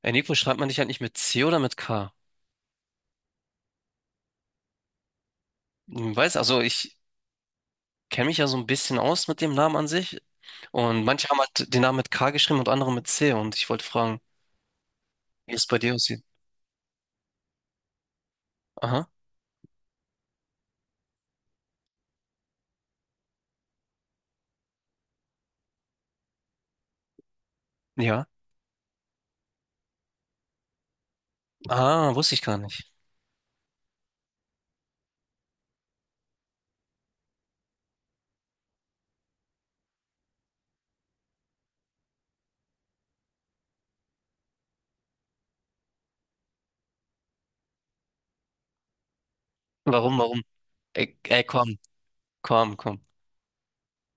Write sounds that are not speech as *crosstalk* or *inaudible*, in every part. Ey, Nico, schreibt man dich halt nicht mit C oder mit K? Weiß, also ich kenne mich ja so ein bisschen aus mit dem Namen an sich. Und manche haben halt den Namen mit K geschrieben und andere mit C. Und ich wollte fragen, wie es bei dir aussieht. Aha, ja. Ah, wusste ich gar nicht. Warum, warum? Ey, ey, komm, komm, komm.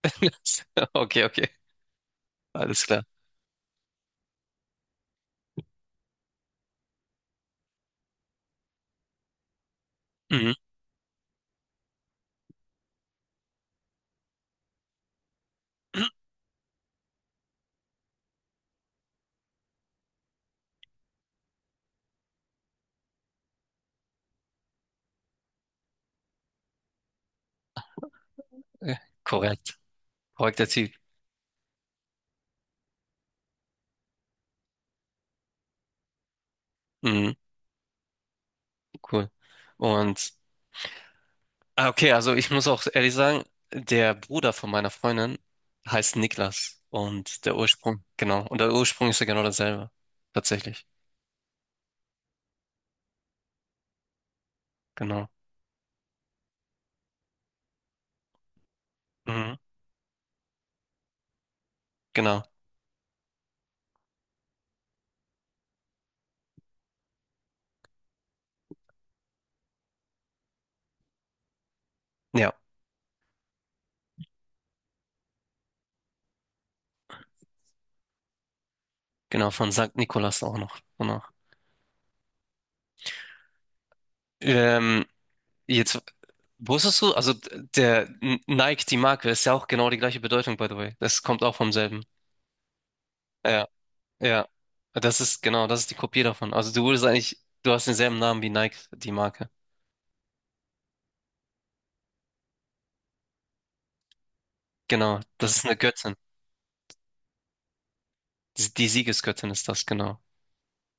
*laughs* Okay, okay, alles klar. Mhm. Äh, Korrekt. Korrekter Typ. Mhm, cool. Und Ah, okay, also ich muss auch ehrlich sagen, der Bruder von meiner Freundin heißt Niklas genau, und der Ursprung ist ja genau dasselbe, tatsächlich, genau, mhm. Genau, ja, genau, von Sankt Nikolaus auch noch, danach. Ähm, jetzt, wusstest du, also Nike, die Marke, ist ja auch genau die gleiche Bedeutung, by the way, das kommt auch vom selben, ja, ja, das ist, genau, das ist die Kopie davon, also du hast denselben Namen wie Nike, die Marke, genau, das ist eine Göttin. Die Siegesgöttin ist das, genau.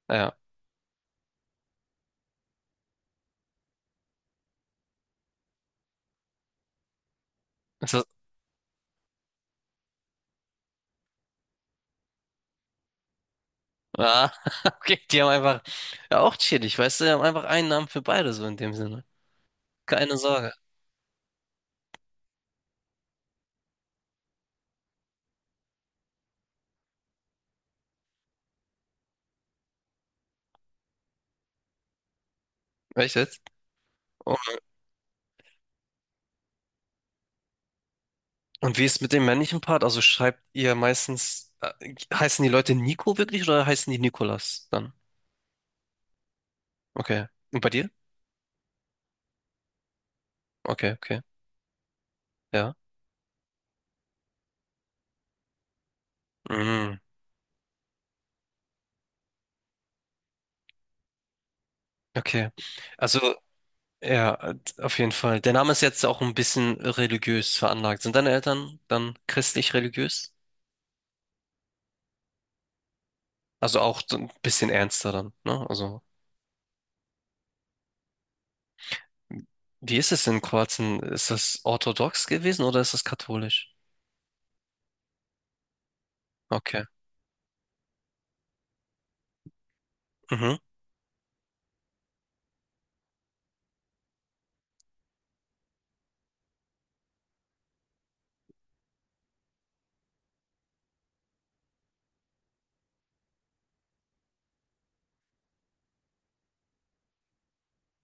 Ja. Ist das, ah, *laughs* okay, die haben einfach, ja, auch chillig, weißt du, die haben einfach einen Namen für beide, so in dem Sinne. Keine Sorge. Echt jetzt? Und, und wie ist mit dem männlichen Part? Also heißen die Leute Nico wirklich oder heißen die Nikolas dann? Okay. Und bei dir? Okay, okay. Ja. Mm, okay. Also, ja, auf jeden Fall. Der Name ist jetzt auch ein bisschen religiös veranlagt. Sind deine Eltern dann christlich religiös? Also auch so ein bisschen ernster dann, ne? Also, wie ist es in Kroatien? Ist das orthodox gewesen oder ist das katholisch? Okay. Mhm.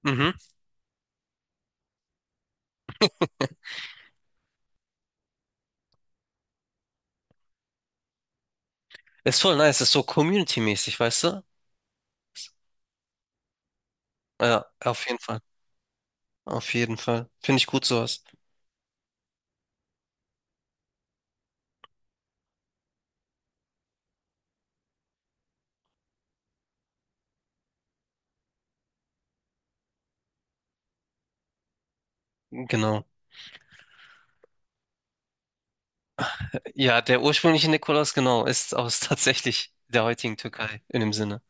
Mhm. Ist voll nice, ist so community-mäßig, weißt du? Ja, auf jeden Fall. Auf jeden Fall. Finde ich gut sowas. Genau. Ja, der ursprüngliche Nikolaus, genau, ist aus *laughs* tatsächlich der heutigen Türkei in dem Sinne.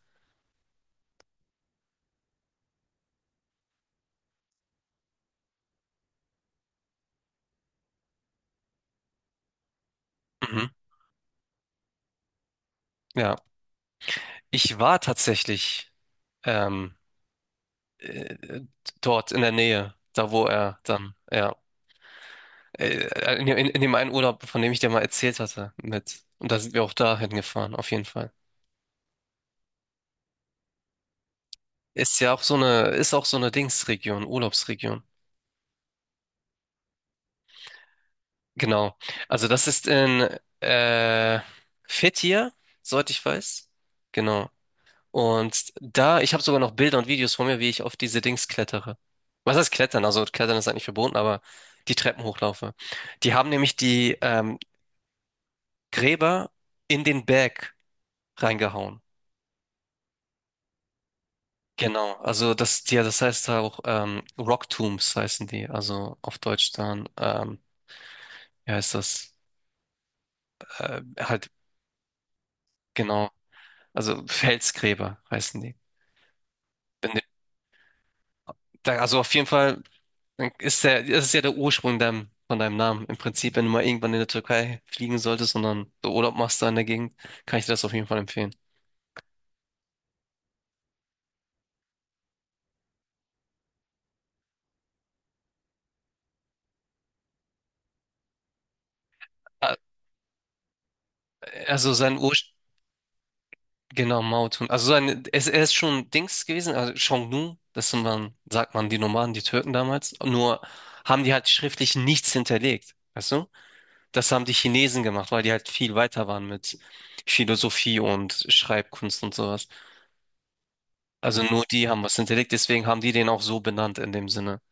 Mhm. Ja. Ich war tatsächlich ähm, äh, dort in der Nähe, da wo er dann, ja. In dem einen Urlaub, von dem ich dir mal erzählt hatte, mit. Und da sind wir auch dahin gefahren, auf jeden Fall. Ist ja auch so eine, ist auch so eine Dingsregion, Urlaubsregion. Genau. Also das ist in äh, Fethiye, soweit ich weiß. Genau. Und da, ich habe sogar noch Bilder und Videos von mir, wie ich auf diese Dings klettere. Was heißt klettern? Also klettern ist eigentlich verboten, aber die Treppen hochlaufe. Die haben nämlich die Gräber in den Berg reingehauen. Genau, also das, ja, das heißt auch Rock Tombs heißen die, also auf Deutsch dann, wie heißt das? Halt, genau, also Felsgräber heißen die. Wenn du- da, also auf jeden Fall das ist ja der Ursprung von deinem Namen. Im Prinzip, wenn du mal irgendwann in der Türkei fliegen solltest und dann so Urlaub machst da in der Gegend, kann ich dir das auf jeden Fall empfehlen. Ah, Also sein Ursprung. Genau, Mautun. Also er ist schon Dings gewesen, also Xiongnu, sagt man, die Nomaden, die Türken damals. Nur haben die halt schriftlich nichts hinterlegt. Weißt du? Das haben die Chinesen gemacht, weil die halt viel weiter waren mit Philosophie und Schreibkunst und sowas. Also nur die haben was hinterlegt, deswegen haben die den auch so benannt in dem Sinne.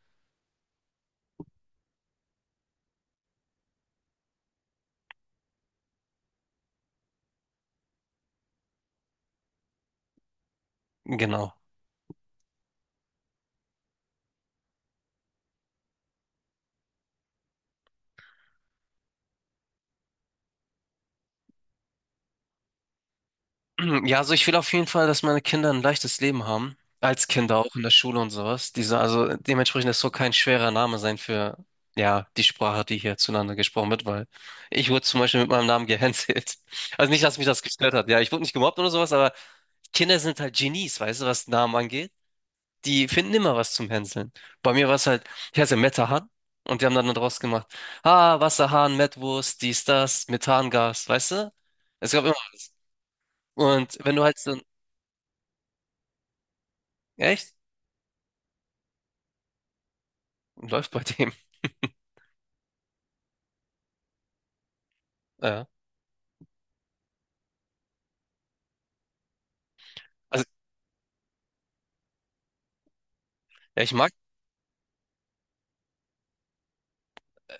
Genau. Ja, also ich will auf jeden Fall, dass meine Kinder ein leichtes Leben haben. Als Kinder auch in der Schule und sowas. Also dementsprechend das soll kein schwerer Name sein für, ja, die Sprache, die hier zueinander gesprochen wird, weil ich wurde zum Beispiel mit meinem Namen gehänselt. *laughs* Also nicht, dass mich das gestört hat. Ja, ich wurde nicht gemobbt oder sowas, aber Kinder sind halt Genies, weißt du, was Namen angeht. Die finden immer was zum Hänseln. Bei mir war es halt, ich heiße Metahan und die haben dann daraus gemacht, ah, Wasserhahn, Mettwurst, dies, das, Methangas, weißt du? Es gab immer was. Und wenn du halt so. Echt? Läuft bei dem. *laughs* Ja. Also, ja, ich mag.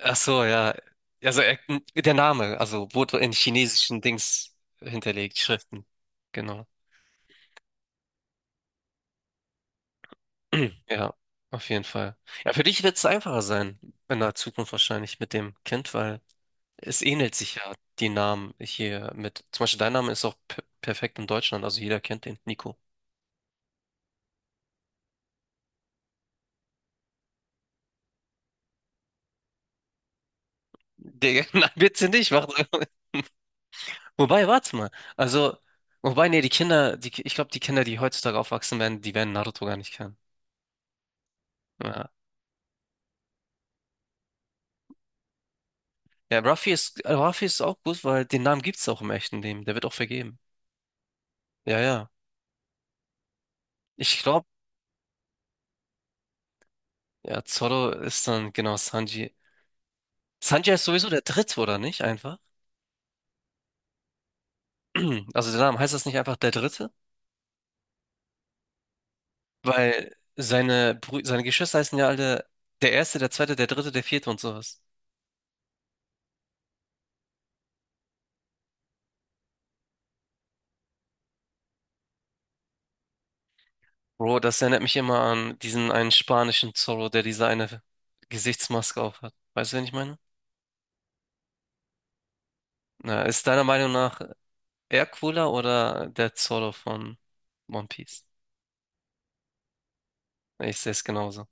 Ach so, ja. Also, der Name, also wurde in chinesischen Dings hinterlegt, Schriften. Genau. *clears throat* Ja, auf jeden Fall. Ja, für dich wird es einfacher sein, in der Zukunft wahrscheinlich mit dem Kind, weil es ähnelt sich ja die Namen hier mit. Zum Beispiel dein Name ist auch perfekt in Deutschland, also jeder kennt den, Nico. Der. *laughs* Nein, bitte nicht, mach. *laughs* Wobei, warte mal. Also, wobei, nee, ich glaube, die Kinder, die heutzutage aufwachsen werden, die werden Naruto gar nicht kennen. Ja, ja Ruffy ist auch gut, weil den Namen gibt's auch im echten Leben. Der wird auch vergeben. Ja, ja. Ich glaube, ja, Zoro ist dann genau Sanji. Sanji ist sowieso der Dritte, oder nicht? Einfach. *clears throat* Also der Name heißt das nicht einfach der Dritte? Weil seine Geschwister heißen ja alle der Erste, der Zweite, der Dritte, der Vierte und sowas. Bro, das erinnert mich immer an diesen einen spanischen Zorro, der diese eine Gesichtsmaske aufhat. Weißt du, wen ich meine? Na, ist deiner Meinung nach er cooler oder der Zorro von One Piece? Ich sehe es genauso.